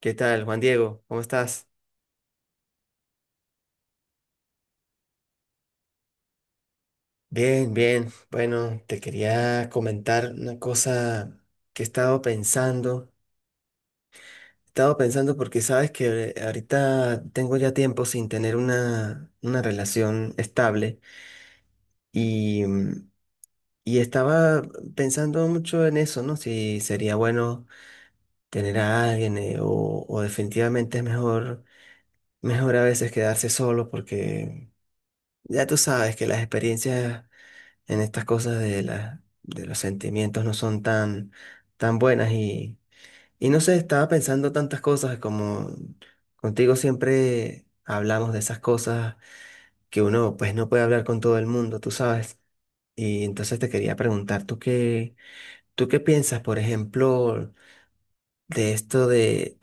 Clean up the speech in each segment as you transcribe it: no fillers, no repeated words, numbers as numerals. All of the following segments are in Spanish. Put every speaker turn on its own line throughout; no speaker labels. ¿Qué tal, Juan Diego? ¿Cómo estás? Bien, bien. Bueno, te quería comentar una cosa que he estado pensando. He estado pensando porque sabes que ahorita tengo ya tiempo sin tener una relación estable y, y estaba pensando mucho en eso, ¿no? Si sería bueno tener a alguien o definitivamente es mejor, mejor a veces quedarse solo porque ya tú sabes que las experiencias en estas cosas de de los sentimientos no son tan, tan buenas y no sé, estaba pensando tantas cosas como contigo siempre hablamos de esas cosas que uno pues no puede hablar con todo el mundo, tú sabes. Y entonces te quería preguntar, ¿tú qué piensas, por ejemplo, de esto de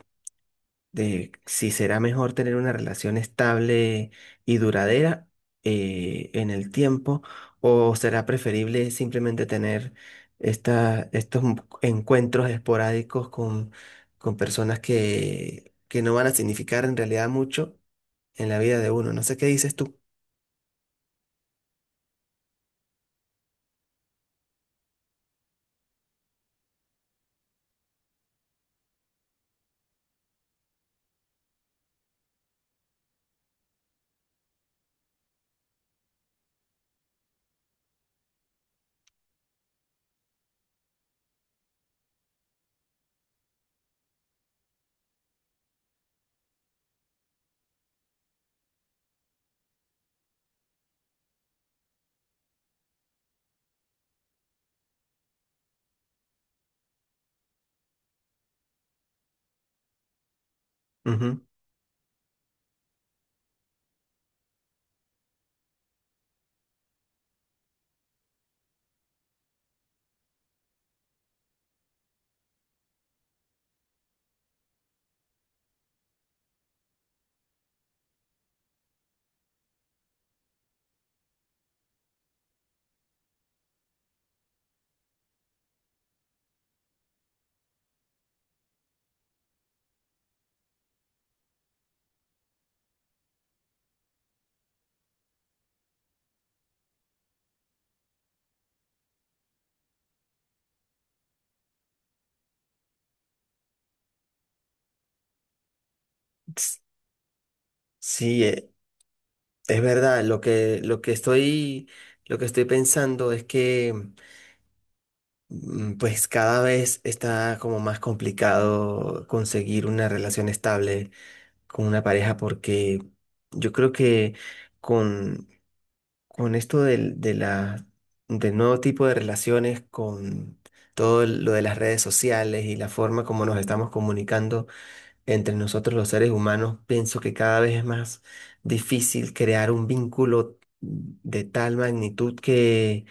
si será mejor tener una relación estable y duradera en el tiempo o será preferible simplemente tener estos encuentros esporádicos con personas que no van a significar en realidad mucho en la vida de uno? No sé qué dices tú. Ujú. S- Sí, es verdad. Lo que estoy pensando es que pues cada vez está como más complicado conseguir una relación estable con una pareja porque yo creo que con, con esto del nuevo tipo de relaciones, con todo lo de las redes sociales y la forma como nos estamos comunicando entre nosotros los seres humanos, pienso que cada vez es más difícil crear un vínculo de tal magnitud que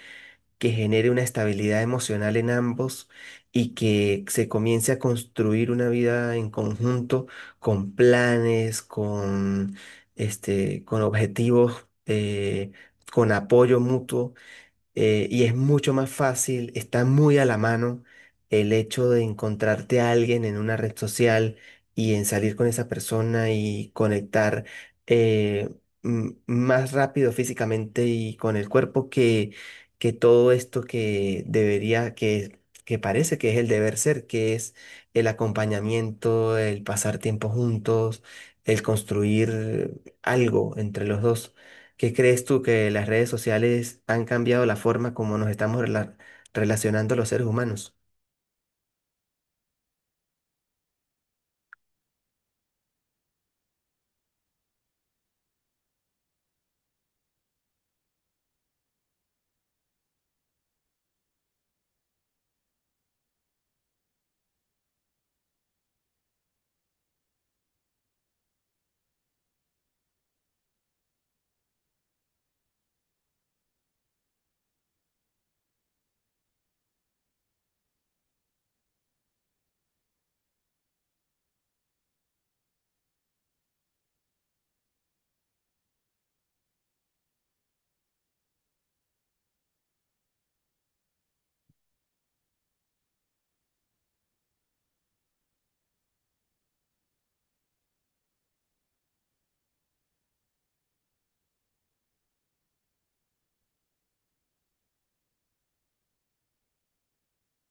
genere una estabilidad emocional en ambos y que se comience a construir una vida en conjunto con planes, este, con objetivos, con apoyo mutuo y es mucho más fácil, está muy a la mano el hecho de encontrarte a alguien en una red social y en salir con esa persona y conectar eh, más rápido físicamente y con el cuerpo que todo esto que debería, que parece que es el deber ser, que es el acompañamiento, el pasar tiempo juntos, el construir algo entre los dos. ¿Qué crees tú que las redes sociales han cambiado la forma como nos estamos relacionando los seres humanos?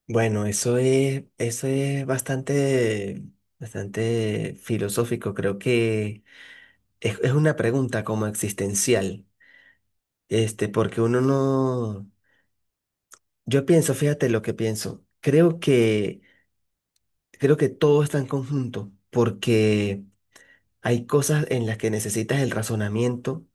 Bueno, eso es bastante, bastante filosófico. Creo que es una pregunta como existencial. Este, porque uno no. Yo pienso, fíjate lo que pienso. Creo que todo está en conjunto, porque hay cosas en las que necesitas el razonamiento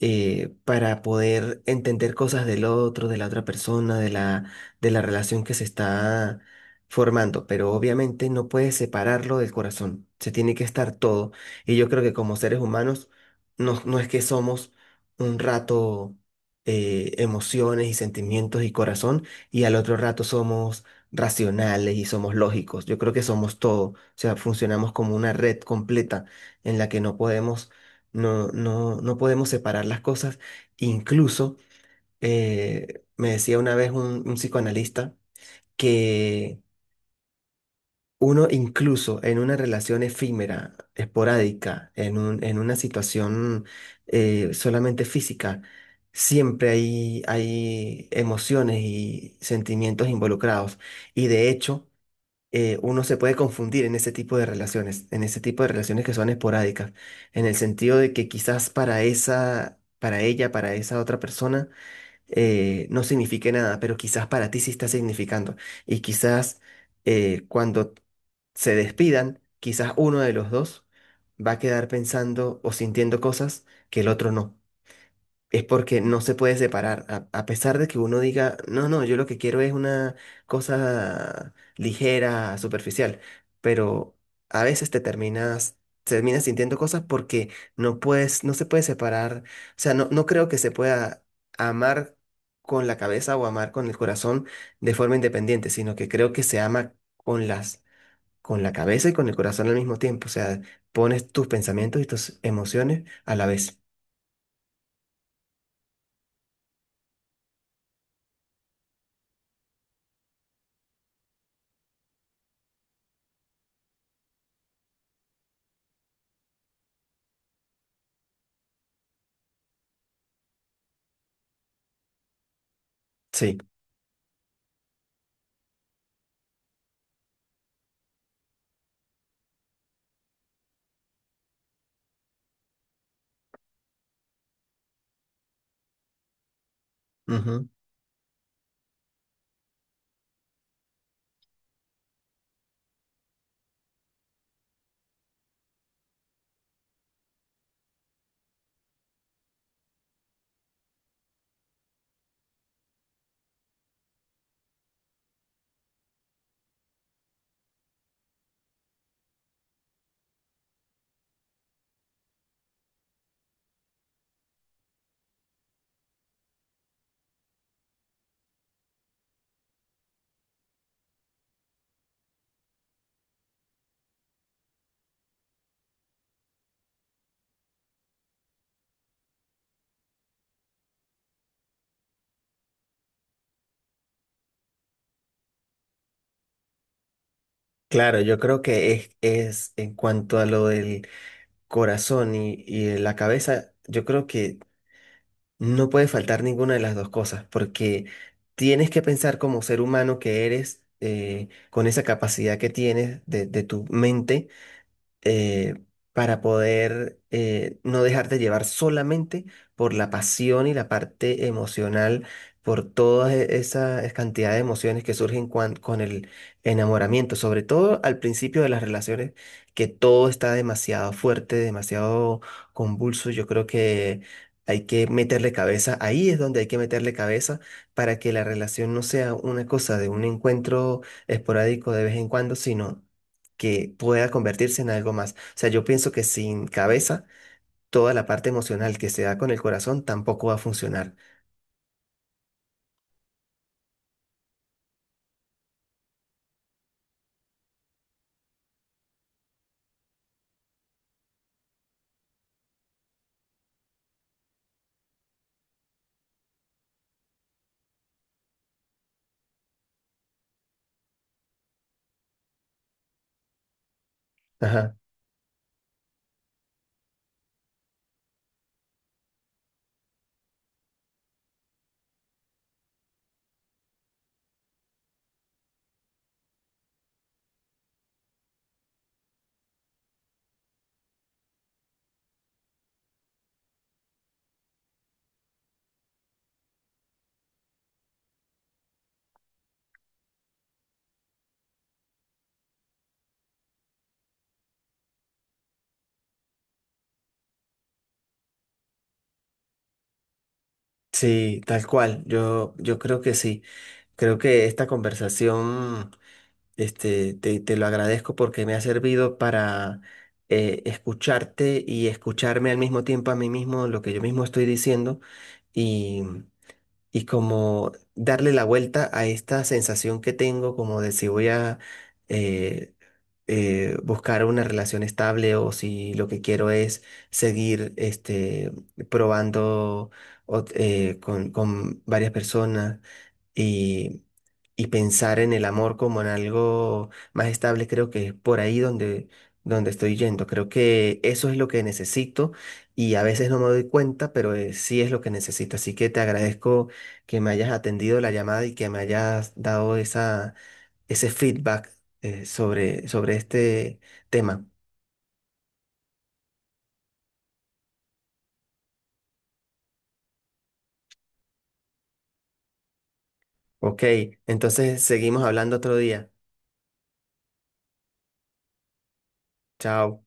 para poder entender cosas del otro, de la otra persona, de de la relación que se está formando, pero obviamente no puedes separarlo del corazón, se tiene que estar todo. Y yo creo que como seres humanos, no, no es que somos un rato emociones y sentimientos y corazón, y al otro rato somos racionales y somos lógicos. Yo creo que somos todo, o sea, funcionamos como una red completa en la que no podemos no podemos separar las cosas. Incluso me decía una vez un psicoanalista que uno incluso en una relación efímera, esporádica, en una situación solamente física, siempre hay, hay emociones y sentimientos involucrados. Y de hecho, uno se puede confundir en ese tipo de relaciones, en ese tipo de relaciones que son esporádicas, en el sentido de que quizás para esa, para ella, para esa otra persona, no signifique nada, pero quizás para ti sí está significando. Y quizás cuando se despidan, quizás uno de los dos va a quedar pensando o sintiendo cosas que el otro no, es porque no se puede separar. A pesar de que uno diga, no, no, yo lo que quiero es una cosa ligera, superficial, pero a veces te terminas, terminas sintiendo cosas porque no puedes, no se puede separar. O sea, no, no creo que se pueda amar con la cabeza o amar con el corazón de forma independiente, sino que creo que se ama con con la cabeza y con el corazón al mismo tiempo. O sea, pones tus pensamientos y tus emociones a la vez. Sí. Ujú. Claro, yo creo que es en cuanto a lo del corazón y la cabeza, yo creo que no puede faltar ninguna de las dos cosas, porque tienes que pensar como ser humano que eres, con esa capacidad que tienes de tu mente eh, para poder no dejarte llevar solamente por la pasión y la parte emocional, por todas esas cantidad de emociones que surgen con el enamoramiento, sobre todo al principio de las relaciones, que todo está demasiado fuerte, demasiado convulso. Yo creo que hay que meterle cabeza, ahí es donde hay que meterle cabeza para que la relación no sea una cosa de un encuentro esporádico de vez en cuando, sino que pueda convertirse en algo más. O sea, yo pienso que sin cabeza, toda la parte emocional que se da con el corazón tampoco va a funcionar. Ajá. Sí, tal cual. Yo creo que sí. Creo que esta conversación, este, te lo agradezco porque me ha servido para escucharte y escucharme al mismo tiempo a mí mismo lo que yo mismo estoy diciendo y, y como darle la vuelta a esta sensación que tengo como de si voy a... eh, buscar una relación estable o si lo que quiero es seguir este, probando con varias personas y, y pensar en el amor como en algo más estable, creo que es por ahí donde, donde estoy yendo. Creo que eso es lo que necesito y a veces no me doy cuenta, pero sí es lo que necesito. Así que te agradezco que me hayas atendido la llamada y que me hayas dado esa ese feedback sobre, sobre este tema. Ok, entonces seguimos hablando otro día. Chao.